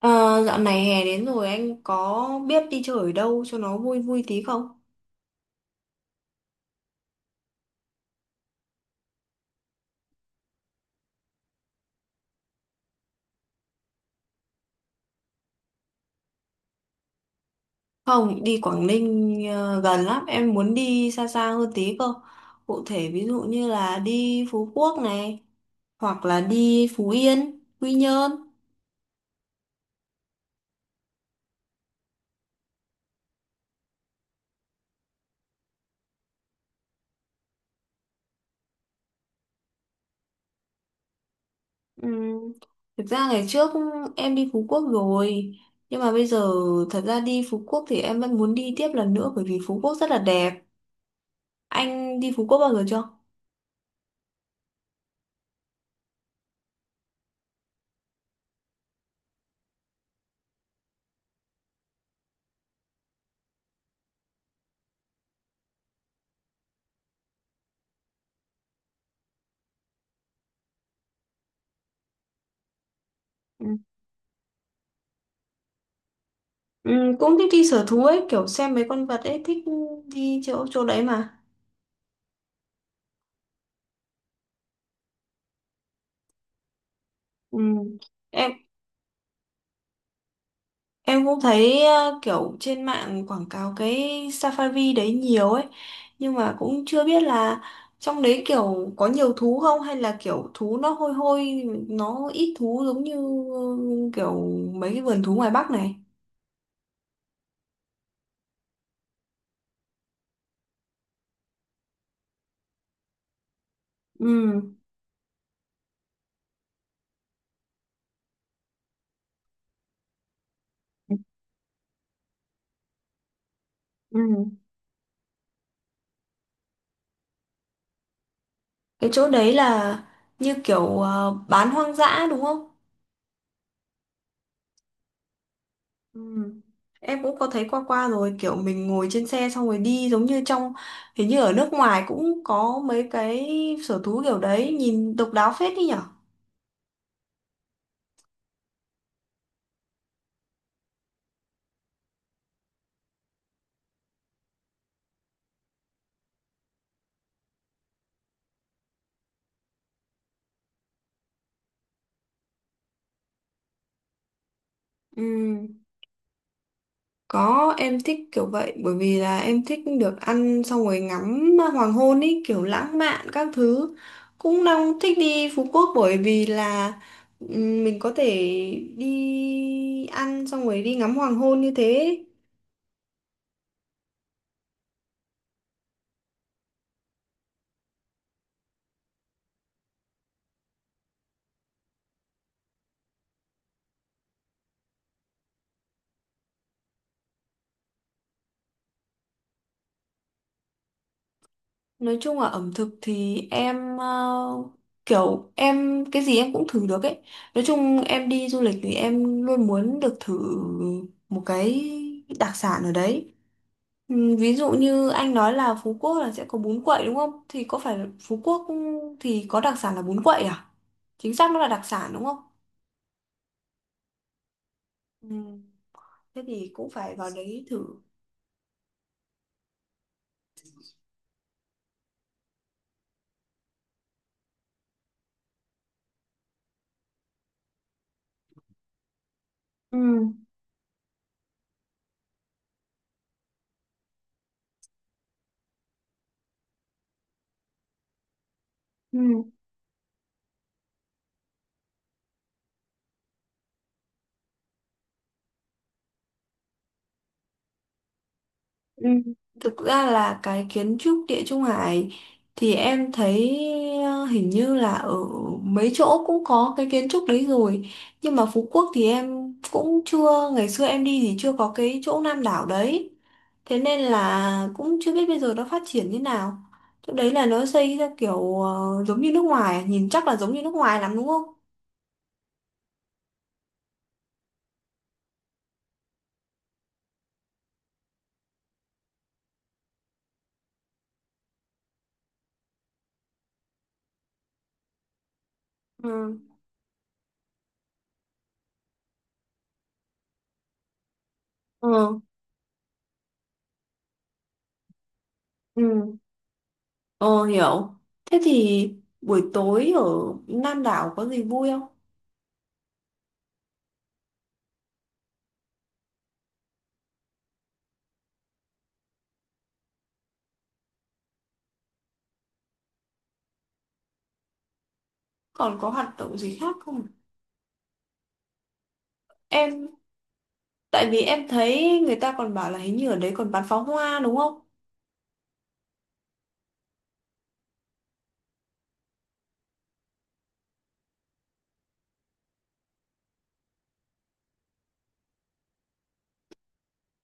Ờ, dạo này hè đến rồi anh có biết đi chơi ở đâu cho nó vui vui tí không? Không, đi Quảng Ninh gần lắm, em muốn đi xa xa hơn tí cơ. Cụ thể ví dụ như là đi Phú Quốc này, hoặc là đi Phú Yên, Quy Nhơn. Ừm, Thực ra ngày trước em đi Phú Quốc rồi, nhưng mà bây giờ thật ra đi Phú Quốc thì em vẫn muốn đi tiếp lần nữa bởi vì Phú Quốc rất là đẹp. Anh đi Phú Quốc bao giờ chưa? Ừ, cũng thích đi sở thú ấy, kiểu xem mấy con vật ấy, thích đi chỗ chỗ đấy mà. Ừ. Em cũng thấy kiểu trên mạng quảng cáo cái Safari đấy nhiều ấy, nhưng mà cũng chưa biết là trong đấy kiểu có nhiều thú không, hay là kiểu thú nó hôi hôi, nó ít thú, giống như ừ, kiểu mấy cái vườn thú ngoài Bắc này. Ừ. Ừ. Cái chỗ đấy là như kiểu bán hoang dã đúng không? Ừ. Em cũng có thấy qua qua rồi, kiểu mình ngồi trên xe xong rồi đi giống như trong, hình như ở nước ngoài cũng có mấy cái sở thú kiểu đấy, nhìn độc đáo phết đi nhở. Ừ. Có, em thích kiểu vậy bởi vì là em thích được ăn xong rồi ngắm hoàng hôn ý, kiểu lãng mạn các thứ, cũng đang thích đi Phú Quốc bởi vì là ừ, mình có thể đi ăn xong rồi đi ngắm hoàng hôn như thế. Nói chung là ẩm thực thì em kiểu em cái gì em cũng thử được ấy. Nói chung em đi du lịch thì em luôn muốn được thử một cái đặc sản ở đấy. Ừ, ví dụ như anh nói là Phú Quốc là sẽ có bún quậy đúng không? Thì có phải là Phú Quốc thì có đặc sản là bún quậy à? Chính xác nó là đặc sản đúng không? Ừ. Thế thì cũng phải vào đấy thử. Ừ. Ừ. Ừ, thực ra là cái kiến trúc Địa Trung Hải thì em thấy hình như là ở mấy chỗ cũng có cái kiến trúc đấy rồi, nhưng mà Phú Quốc thì em cũng chưa, ngày xưa em đi thì chưa có cái chỗ Nam đảo đấy, thế nên là cũng chưa biết bây giờ nó phát triển như nào. Chỗ đấy là nó xây ra kiểu giống như nước ngoài, nhìn chắc là giống như nước ngoài lắm đúng không? Ừ. Ừ. Ừ. Ờ hiểu, thế thì buổi tối ở Nam đảo có gì vui không? Còn có hoạt động gì khác không? Em, tại vì em thấy người ta còn bảo là hình như ở đấy còn bắn pháo hoa đúng không?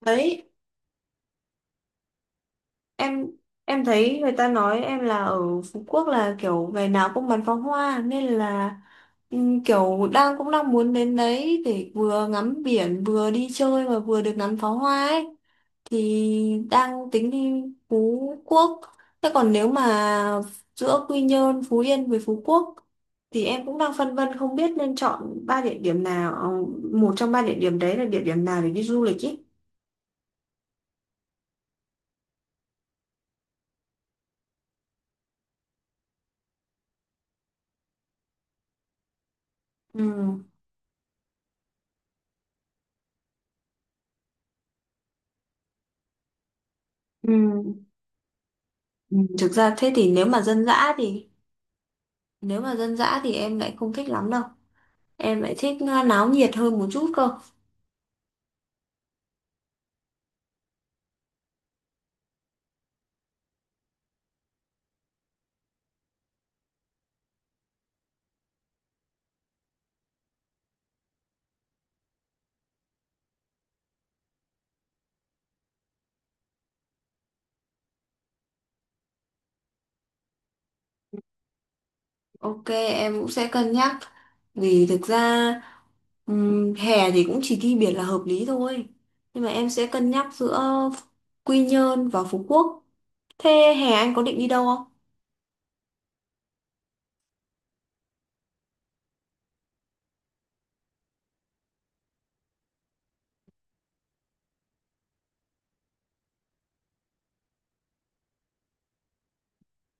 Đấy, em thấy người ta nói em là ở Phú Quốc là kiểu ngày nào cũng bắn pháo hoa, nên là kiểu đang cũng đang muốn đến đấy để vừa ngắm biển vừa đi chơi và vừa được ngắm pháo hoa ấy, thì đang tính đi Phú Quốc. Thế còn nếu mà giữa Quy Nhơn, Phú Yên với Phú Quốc thì em cũng đang phân vân không biết nên chọn ba địa điểm nào, một trong ba địa điểm đấy là địa điểm nào để đi du lịch ý. Ừ. Ừ. Ừ. Thực ra thế thì nếu mà dân dã thì em lại không thích lắm đâu. Em lại thích náo nhiệt hơn một chút cơ. Ok, em cũng sẽ cân nhắc. Vì thực ra hè thì cũng chỉ đi biển là hợp lý thôi. Nhưng mà em sẽ cân nhắc giữa Quy Nhơn và Phú Quốc. Thế hè anh có định đi đâu?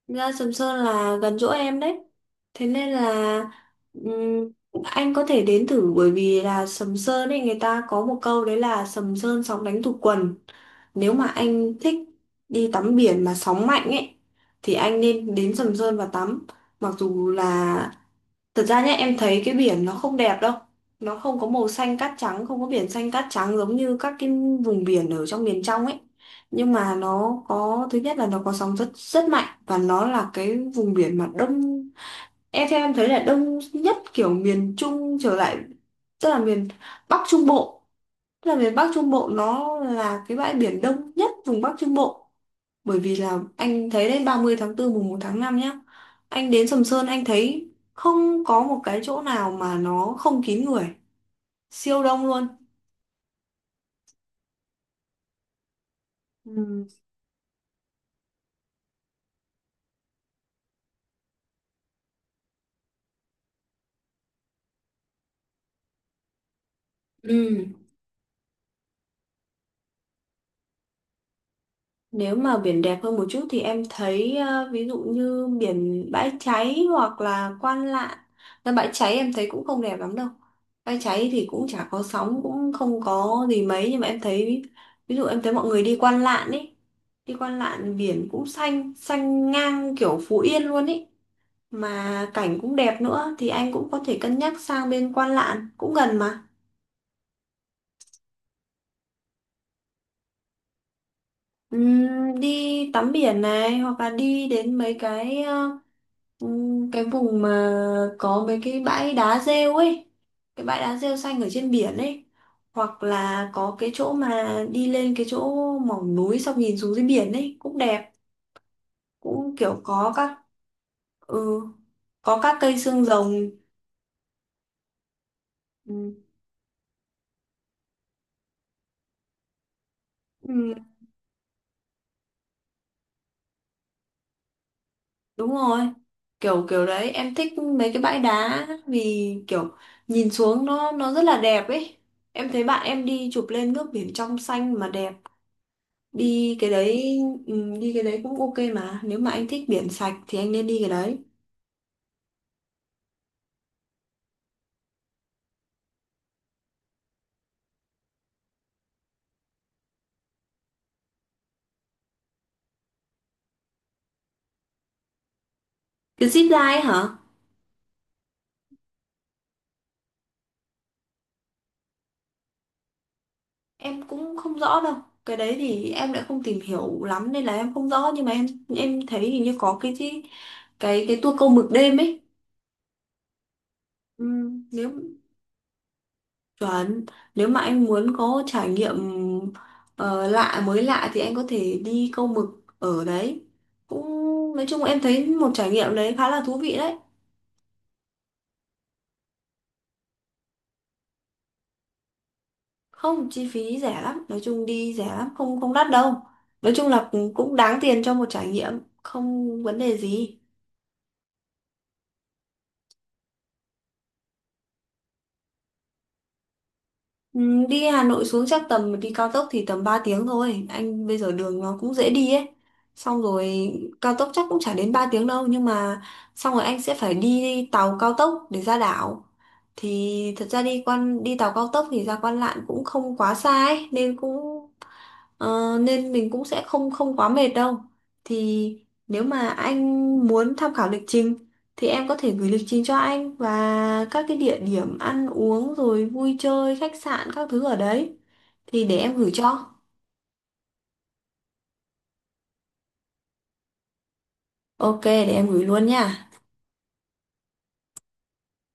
Ra Sầm Sơn là gần chỗ em đấy, thế nên là ừm, anh có thể đến thử bởi vì là Sầm Sơn ấy người ta có một câu đấy là Sầm Sơn sóng đánh tụt quần. Nếu mà anh thích đi tắm biển mà sóng mạnh ấy thì anh nên đến Sầm Sơn và tắm. Mặc dù là, thật ra nhá, em thấy cái biển nó không đẹp đâu. Nó không có màu xanh cát trắng, không có biển xanh cát trắng giống như các cái vùng biển ở trong miền trong ấy. Nhưng mà nó có, thứ nhất là nó có sóng rất rất mạnh, và nó là cái vùng biển mà đông. Em theo em thấy là đông nhất kiểu miền Trung trở lại, tức là miền Bắc Trung Bộ, tức là miền Bắc Trung Bộ nó là cái bãi biển đông nhất vùng Bắc Trung Bộ, bởi vì là anh thấy đấy, 30 tháng 4 mùng một tháng 5 nhá. Anh đến Sầm Sơn anh thấy không có một cái chỗ nào mà nó không kín người. Siêu đông luôn. Ừ. Ừ. Nếu mà biển đẹp hơn một chút thì em thấy ví dụ như biển Bãi Cháy hoặc là Quan Lạn. Là Bãi Cháy em thấy cũng không đẹp lắm đâu. Bãi Cháy thì cũng chả có sóng, cũng không có gì mấy, nhưng mà em thấy ví dụ em thấy mọi người đi Quan Lạn ấy. Đi Quan Lạn biển cũng xanh, xanh ngang kiểu Phú Yên luôn ấy, mà cảnh cũng đẹp nữa, thì anh cũng có thể cân nhắc sang bên Quan Lạn cũng gần mà. Ừm, đi tắm biển này hoặc là đi đến mấy cái cái vùng mà có mấy cái bãi đá rêu ấy, cái bãi đá rêu xanh ở trên biển ấy, hoặc là có cái chỗ mà đi lên cái chỗ mỏm núi xong nhìn xuống dưới biển ấy cũng đẹp, cũng kiểu có các ừ, có các cây xương rồng. Ừ. Ừ. Đúng rồi, kiểu kiểu đấy em thích mấy cái bãi đá, vì kiểu nhìn xuống nó rất là đẹp ấy. Em thấy bạn em đi chụp lên nước biển trong xanh mà đẹp. Đi cái đấy ừ, đi cái đấy cũng ok mà. Nếu mà anh thích biển sạch thì anh nên đi cái đấy. Cái zip line hả? Em cũng không rõ đâu. Cái đấy thì em lại không tìm hiểu lắm nên là em không rõ, nhưng mà em thấy hình như có cái tour câu mực đêm ấy. Ừ, nếu Chuẩn, nếu mà anh muốn có trải nghiệm ờ, lạ mới lạ thì anh có thể đi câu mực ở đấy. Cũng nói chung em thấy một trải nghiệm đấy khá là thú vị đấy. Không, chi phí rẻ lắm, nói chung đi rẻ lắm, không không đắt đâu. Nói chung là cũng cũng đáng tiền cho một trải nghiệm, không vấn đề gì. Ừ, đi Hà Nội xuống chắc tầm đi cao tốc thì tầm 3 tiếng thôi. Anh bây giờ đường nó cũng dễ đi ấy. Xong rồi cao tốc chắc cũng chả đến 3 tiếng đâu, nhưng mà xong rồi anh sẽ phải đi tàu cao tốc để ra đảo. Thì thật ra đi tàu cao tốc thì ra Quan Lạn cũng không quá xa ấy, nên cũng ờ, nên mình cũng sẽ không không quá mệt đâu. Thì nếu mà anh muốn tham khảo lịch trình thì em có thể gửi lịch trình cho anh và các cái địa điểm ăn uống rồi vui chơi, khách sạn các thứ ở đấy thì để em gửi cho. Ok, để em gửi luôn nha.